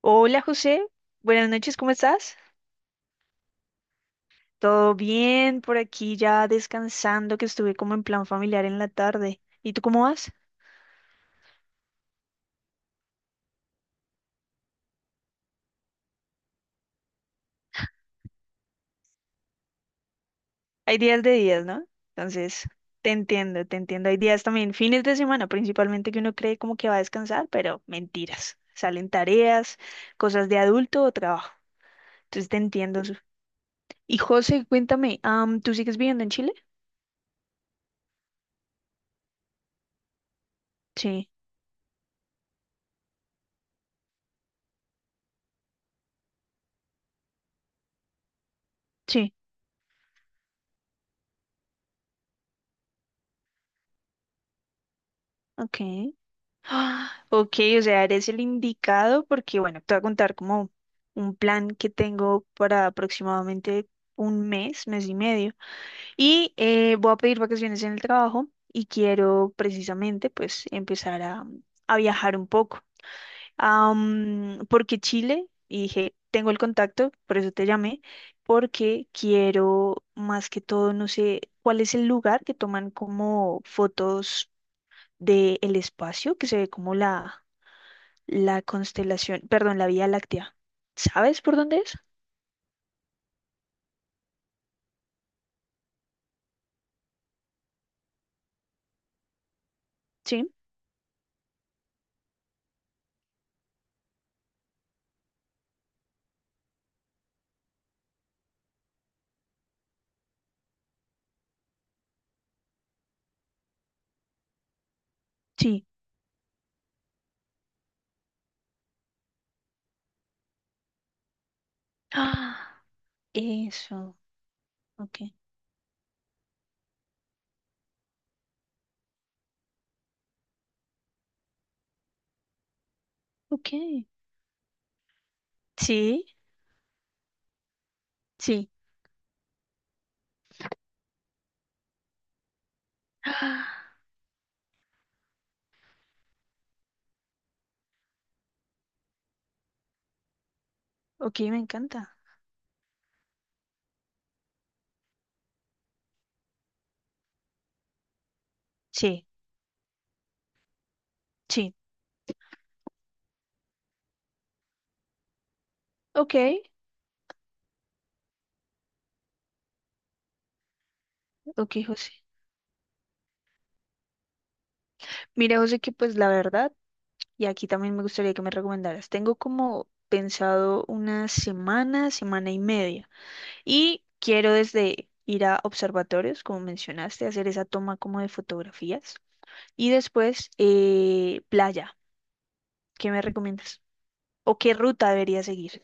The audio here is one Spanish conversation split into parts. Hola José, buenas noches, ¿cómo estás? Todo bien por aquí, ya descansando, que estuve como en plan familiar en la tarde. ¿Y tú cómo vas? Hay días de días, ¿no? Entonces, te entiendo, te entiendo. Hay días también, fines de semana principalmente, que uno cree como que va a descansar, pero mentiras. Salen tareas, cosas de adulto o trabajo. Entonces, te entiendo. Y José, cuéntame, ¿tú sigues viviendo en Chile? Sí, sí, ok. Ah, ok, o sea, eres el indicado porque, bueno, te voy a contar como un plan que tengo para aproximadamente un mes, mes y medio. Y voy a pedir vacaciones en el trabajo y quiero precisamente pues empezar a viajar un poco. Porque Chile, y dije, tengo el contacto, por eso te llamé, porque quiero más que todo, no sé, cuál es el lugar que toman como fotos del espacio, que se ve como la constelación, perdón, la Vía Láctea. ¿Sabes por dónde es? Sí, sí. Ah, eso. Ok, ok. Sí, sí. Ah, ok, me encanta. Sí, sí. Ok, ok, José. Mira, José, que pues la verdad, y aquí también me gustaría que me recomendaras. Tengo como pensado una semana, semana y media. Y quiero desde ir a observatorios, como mencionaste, hacer esa toma como de fotografías. Y después, playa. ¿Qué me recomiendas? ¿O qué ruta debería seguir?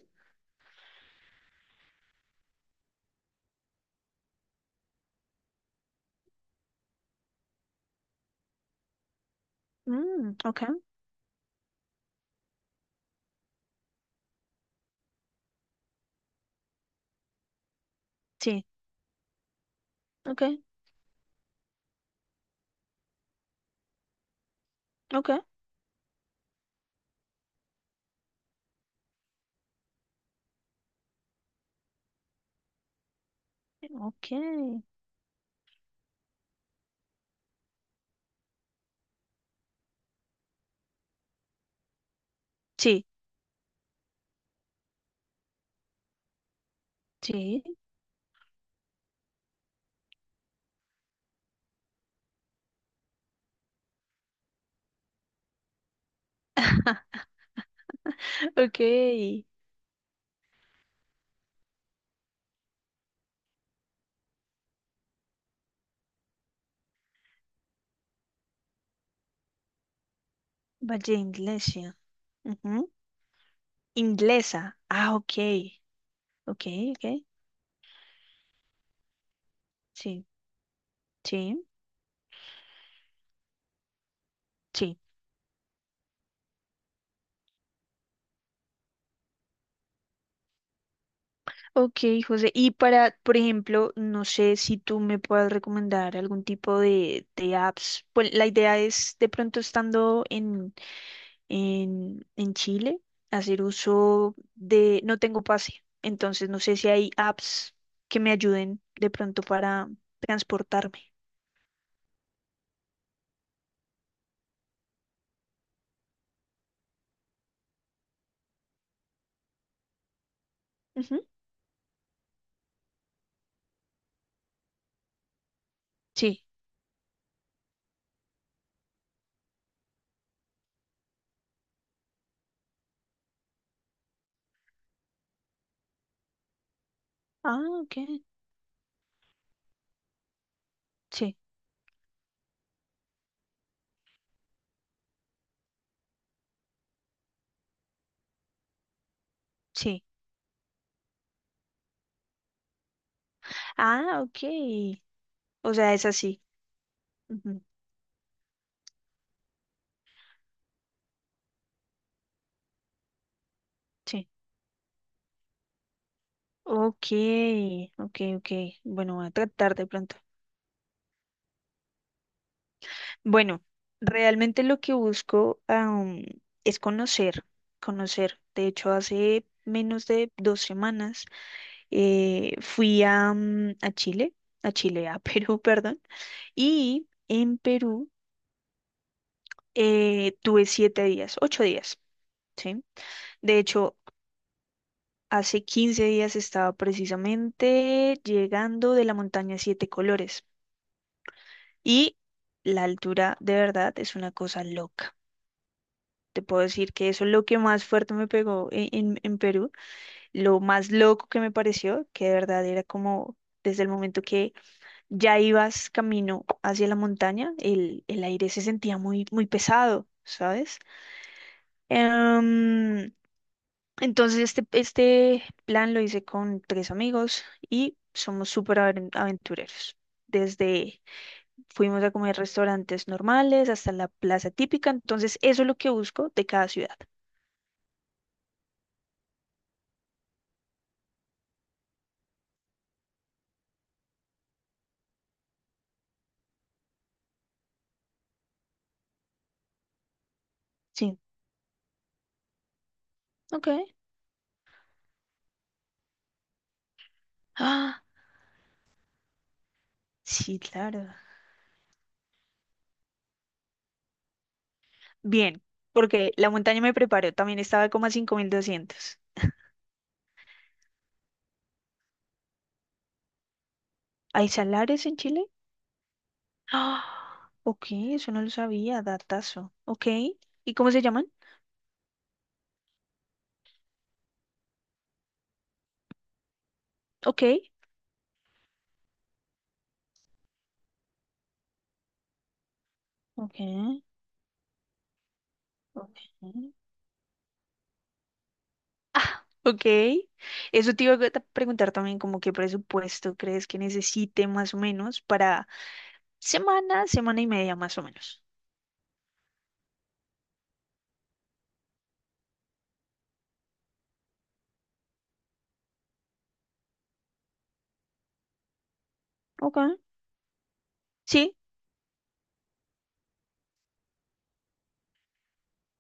Mm, ok, sí, ok, ok, ok. Sí, sí, ok. Valle Iglesia. Ujú, Inglesa. Ah, ok, ok, ok. Sí, sí, sí. Ok, José. Y para, por ejemplo, no sé si tú me puedas recomendar algún tipo de apps. Pues la idea es de pronto estando en Chile, hacer uso de, no tengo pase, entonces no sé si hay apps que me ayuden de pronto para transportarme. Ujú, sí. Ah, ok. Sí, sí. Ah, ok. O sea, es así. Ujú, sí. Ok, ok, ok. Bueno, voy a tratar de pronto. Bueno, realmente lo que busco, es conocer, conocer. De hecho, hace menos de 2 semanas, fui a Chile, a Perú, perdón, y en Perú, tuve 7 días, 8 días, ¿sí? De hecho, hace 15 días estaba precisamente llegando de la montaña Siete Colores y la altura de verdad es una cosa loca. Te puedo decir que eso es lo que más fuerte me pegó en, en Perú, lo más loco que me pareció, que de verdad era como desde el momento que ya ibas camino hacia la montaña, el aire se sentía muy, muy pesado, ¿sabes? Em, entonces este plan lo hice con tres amigos y somos súper aventureros. Desde fuimos a comer restaurantes normales hasta la plaza típica, entonces eso es lo que busco de cada ciudad. Sí, ok. Ah, sí, claro. Bien, porque la montaña me preparó, también estaba como a 5.200. ¿Hay salares en Chile? Ah, ok, eso no lo sabía, datazo. Ok, ¿y cómo se llaman? Ok, ok, ok. Ah, ok. Eso te iba a preguntar también, como qué presupuesto crees que necesite más o menos para semana, semana y media más o menos. Ok. Sí,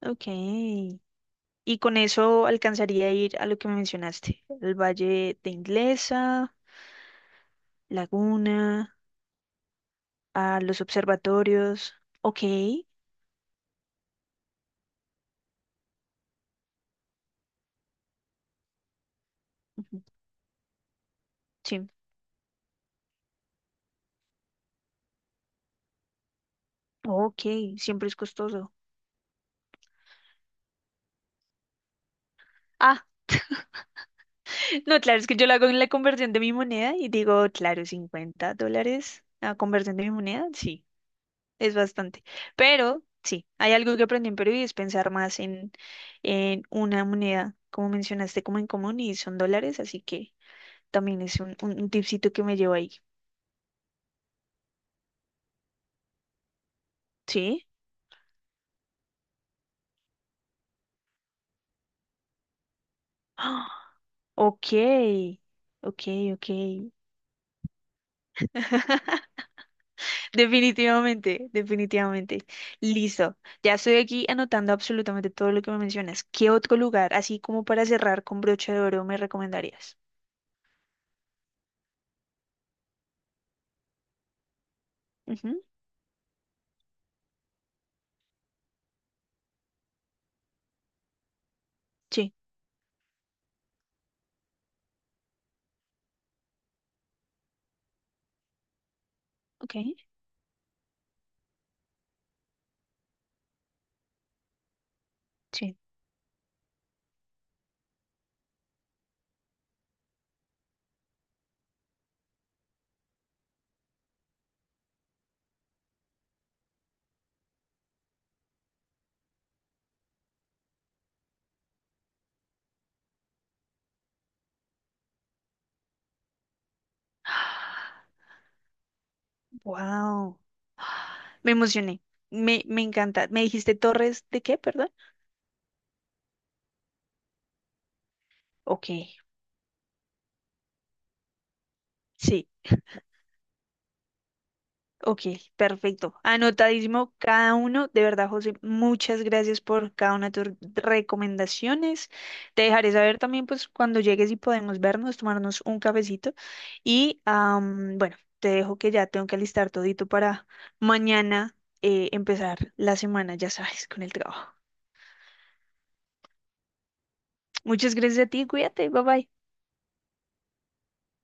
ok. Y con eso alcanzaría a ir a lo que me mencionaste, el Valle de Inglesa, Laguna, a los observatorios. Ok. Ujú, sí. Ok, siempre es costoso. Ah, no, claro, es que yo lo hago en la conversión de mi moneda y digo, claro, $50 la conversión de mi moneda, sí, es bastante. Pero sí, hay algo que aprendí en Perú y es pensar más en una moneda, como mencionaste, como en común y son dólares, así que también es un tipcito que me llevo ahí. ¿Sí? Ah, ok, ok, ok. Definitivamente, definitivamente. Listo. Ya estoy aquí anotando absolutamente todo lo que me mencionas. ¿Qué otro lugar, así como para cerrar con broche de oro, me recomendarías? Ujú, sí, ok, sí. Wow. Me emocioné. Me encanta. ¿Me dijiste Torres de qué, perdón? Ok, sí. Ok, perfecto. Anotadísimo cada uno. De verdad, José, muchas gracias por cada una de tus recomendaciones. Te dejaré saber también, pues, cuando llegues y podemos vernos, tomarnos un cafecito. Y bueno, te dejo que ya tengo que alistar todito para mañana, empezar la semana, ya sabes, con el trabajo. Muchas gracias a ti, cuídate, bye bye.